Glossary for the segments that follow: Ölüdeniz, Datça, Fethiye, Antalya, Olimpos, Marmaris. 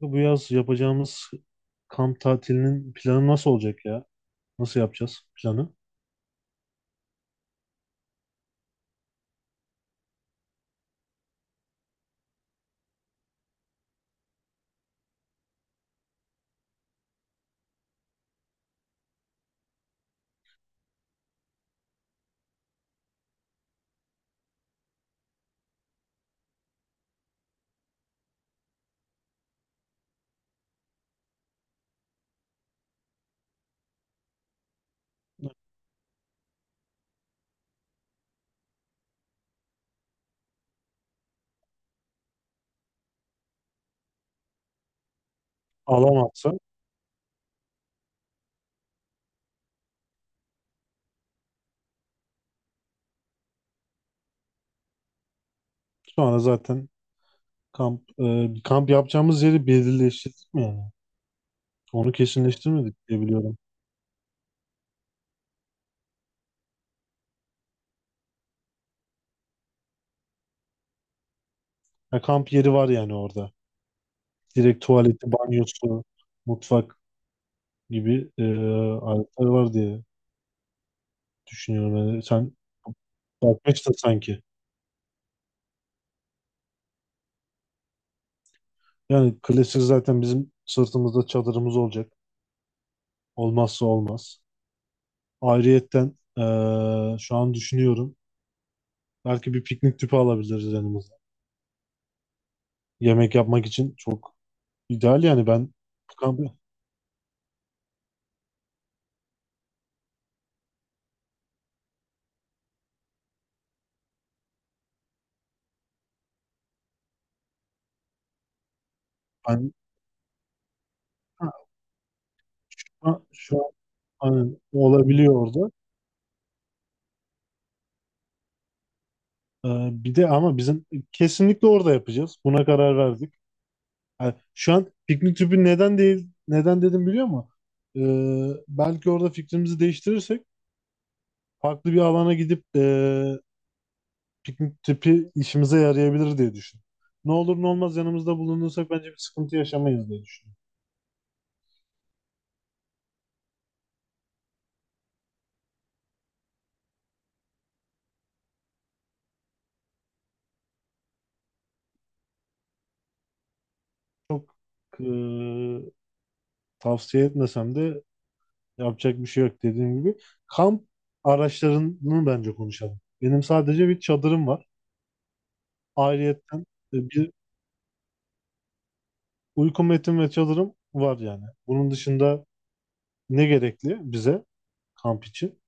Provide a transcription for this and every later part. Bu yaz yapacağımız kamp tatilinin planı nasıl olacak ya? Nasıl yapacağız planı? Alamazsa sonra zaten kamp kamp yapacağımız yeri belirleştirdik mi yani? Onu kesinleştirmedik diye biliyorum. Ha, kamp yeri var yani orada. Direkt tuvaleti, banyosu, mutfak gibi aletler var diye düşünüyorum. Yani sen bakmak işte sanki. Yani klasik zaten bizim sırtımızda çadırımız olacak. Olmazsa olmaz. Ayrıyetten e, şu an düşünüyorum. Belki bir piknik tüpü alabiliriz yanımıza. Yemek yapmak için çok ideal yani ben bu kampı ben ha, ha, şu an hani olabiliyor orada. Bir de ama bizim kesinlikle orada yapacağız. Buna karar verdik. Yani şu an piknik tüpü neden değil neden dedim biliyor musun? Belki orada fikrimizi değiştirirsek farklı bir alana gidip piknik tüpü işimize yarayabilir diye düşündüm. Ne olur ne olmaz yanımızda bulunursak bence bir sıkıntı yaşamayız diye düşünüyorum. Çok e, tavsiye etmesem de yapacak bir şey yok dediğim gibi. Kamp araçlarını bence konuşalım. Benim sadece bir çadırım var. Ayrıyetten e, bir uyku metim ve çadırım var yani. Bunun dışında ne gerekli bize kamp için?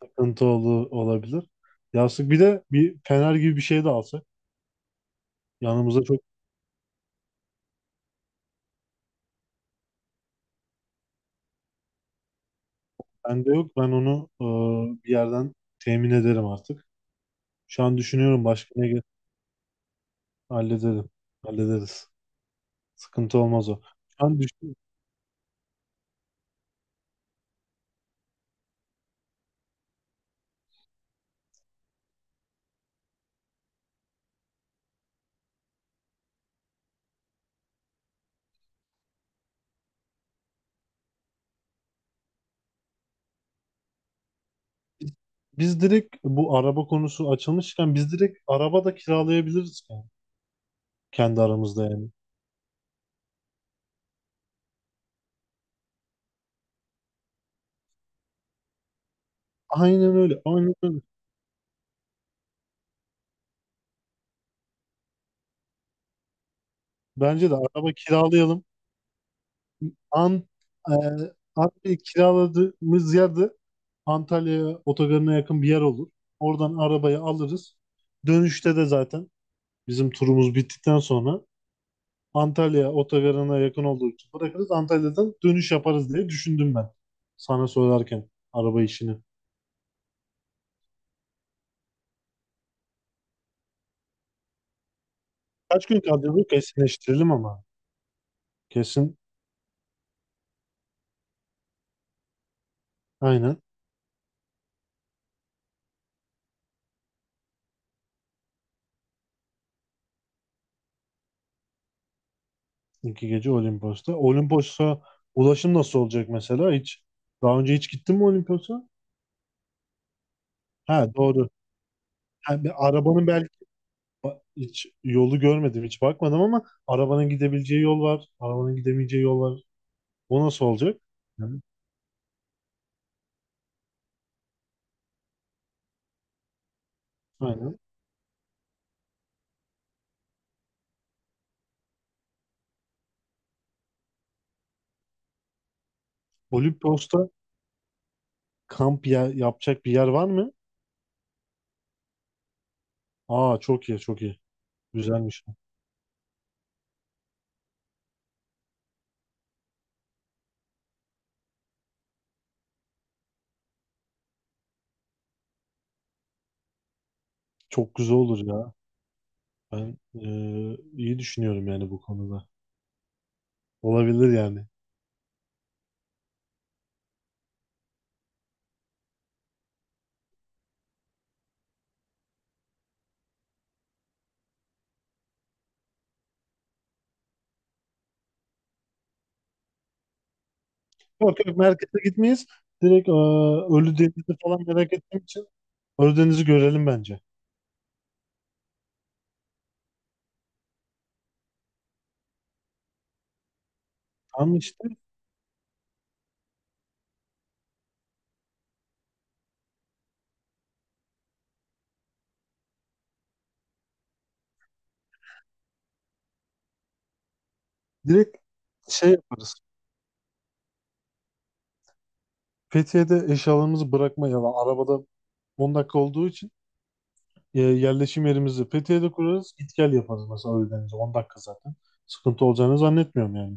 Takıntı olabilir. Yastık bir de bir fener gibi bir şey de alsak. Yanımıza çok Bende yok. Ben onu bir yerden temin ederim artık. Şu an düşünüyorum başka hallederim. Hallederiz. Sıkıntı olmaz o. Şu an düşün- Biz, biz direkt bu araba konusu açılmışken biz direkt araba da kiralayabiliriz yani. Kendi aramızda yani. Aynen öyle. Aynen öyle. Bence de araba kiralayalım. An, e, abi kiraladığımız yerde Antalya otogarına yakın bir yer olur. Oradan arabayı alırız. Dönüşte de zaten bizim turumuz bittikten sonra Antalya otogarına yakın olduğu için bırakırız. Antalya'dan dönüş yaparız diye düşündüm ben. Sana söylerken araba işini. Kaç gün kaldı bu? Kesinleştirelim ama. Kesin. Aynen. İki gece Olimpos'ta. Olimpos'a ulaşım nasıl olacak mesela? Hiç daha önce hiç gittin mi Olimpos'a? Ha doğru. Ha, bir arabanın hiç yolu görmedim, hiç bakmadım ama arabanın gidebileceği yol var. Arabanın gidemeyeceği yol var. O nasıl olacak? Hı. Aynen. Olimpos'ta kamp yapacak bir yer var mı? Aa çok iyi, çok iyi. Güzelmiş. Çok güzel olur ya. Ben iyi düşünüyorum yani bu konuda. Olabilir yani. Yok yok merkeze gitmeyiz. Direkt Ölüdeniz'i falan merak ettiğim için Ölüdeniz'i görelim bence. Tamam işte. Direkt şey yaparız. Fethiye'de eşyalarımızı bırakmayalım. Arabada 10 dakika olduğu için yerleşim yerimizi Fethiye'de kurarız. Git gel yaparız mesela Ölüdeniz'e. 10 dakika zaten. Sıkıntı olacağını zannetmiyorum yani.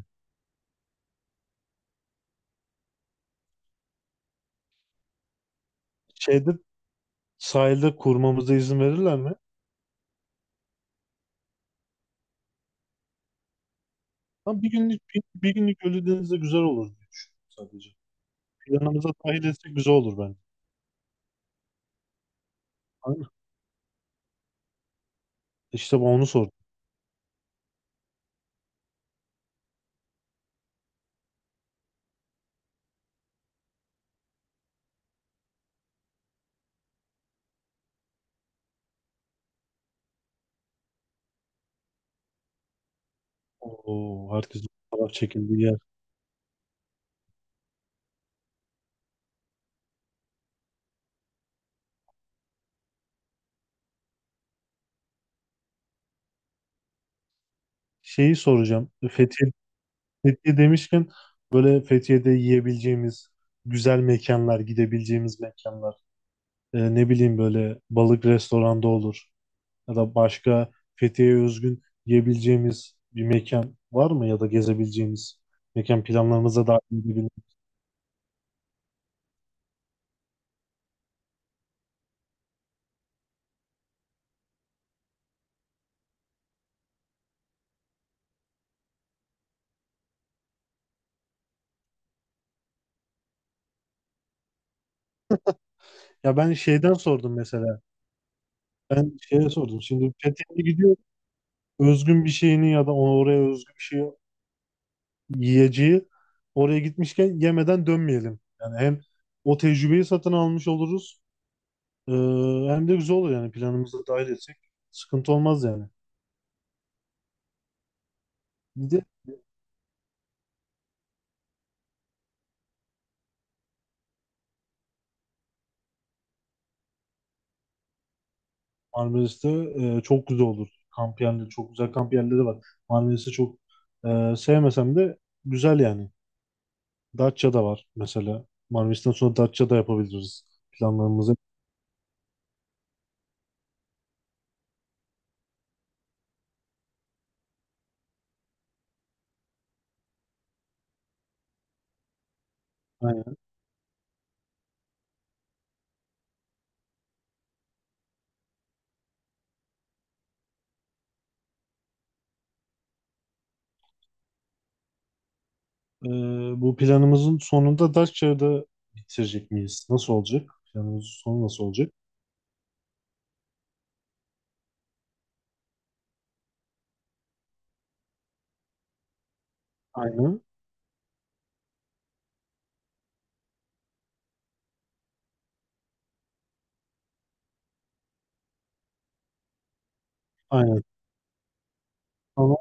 Şeyde sahilde kurmamıza izin verirler mi? Ama bir günlük bir günlük Ölüdeniz'de güzel olur diye düşünüyorum sadece. Planımıza dahil etsek güzel olur bence. Aynen. İşte bu onu soruyorum. Oo, herkesin fotoğraf çekildiği yer. Şeyi soracağım. Fethiye demişken böyle Fethiye'de yiyebileceğimiz güzel mekanlar, gidebileceğimiz mekanlar. Ne bileyim böyle balık restoranda olur. Ya da başka Fethiye'ye özgün yiyebileceğimiz bir mekan var mı? Ya da gezebileceğimiz mekan planlarımıza dahil edebiliriz. Ya ben şeyden sordum mesela. Ben şeye sordum. Şimdi Fethiye'ye gidiyor. Özgün bir şeyini ya da oraya özgü bir şey yiyeceği oraya gitmişken yemeden dönmeyelim. Yani hem o tecrübeyi satın almış oluruz e, hem de güzel olur yani planımıza dahil etsek sıkıntı olmaz yani. Bir de Marmaris'te çok güzel olur. Kamp yerleri çok güzel kamp yerleri var. Marmaris'i çok sevmesem de güzel yani. Datça'da var mesela. Marmaris'ten sonra Datça'da yapabiliriz planlarımızı. Aynen. E, bu planımızın sonunda Datça'da bitirecek miyiz? Nasıl olacak? Planımızın sonu nasıl olacak? Aynen. Aynen. Ama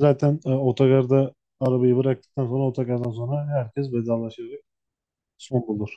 zaten otogarda arabayı bıraktıktan sonra otogardan sonra herkes vedalaşarak son bulur.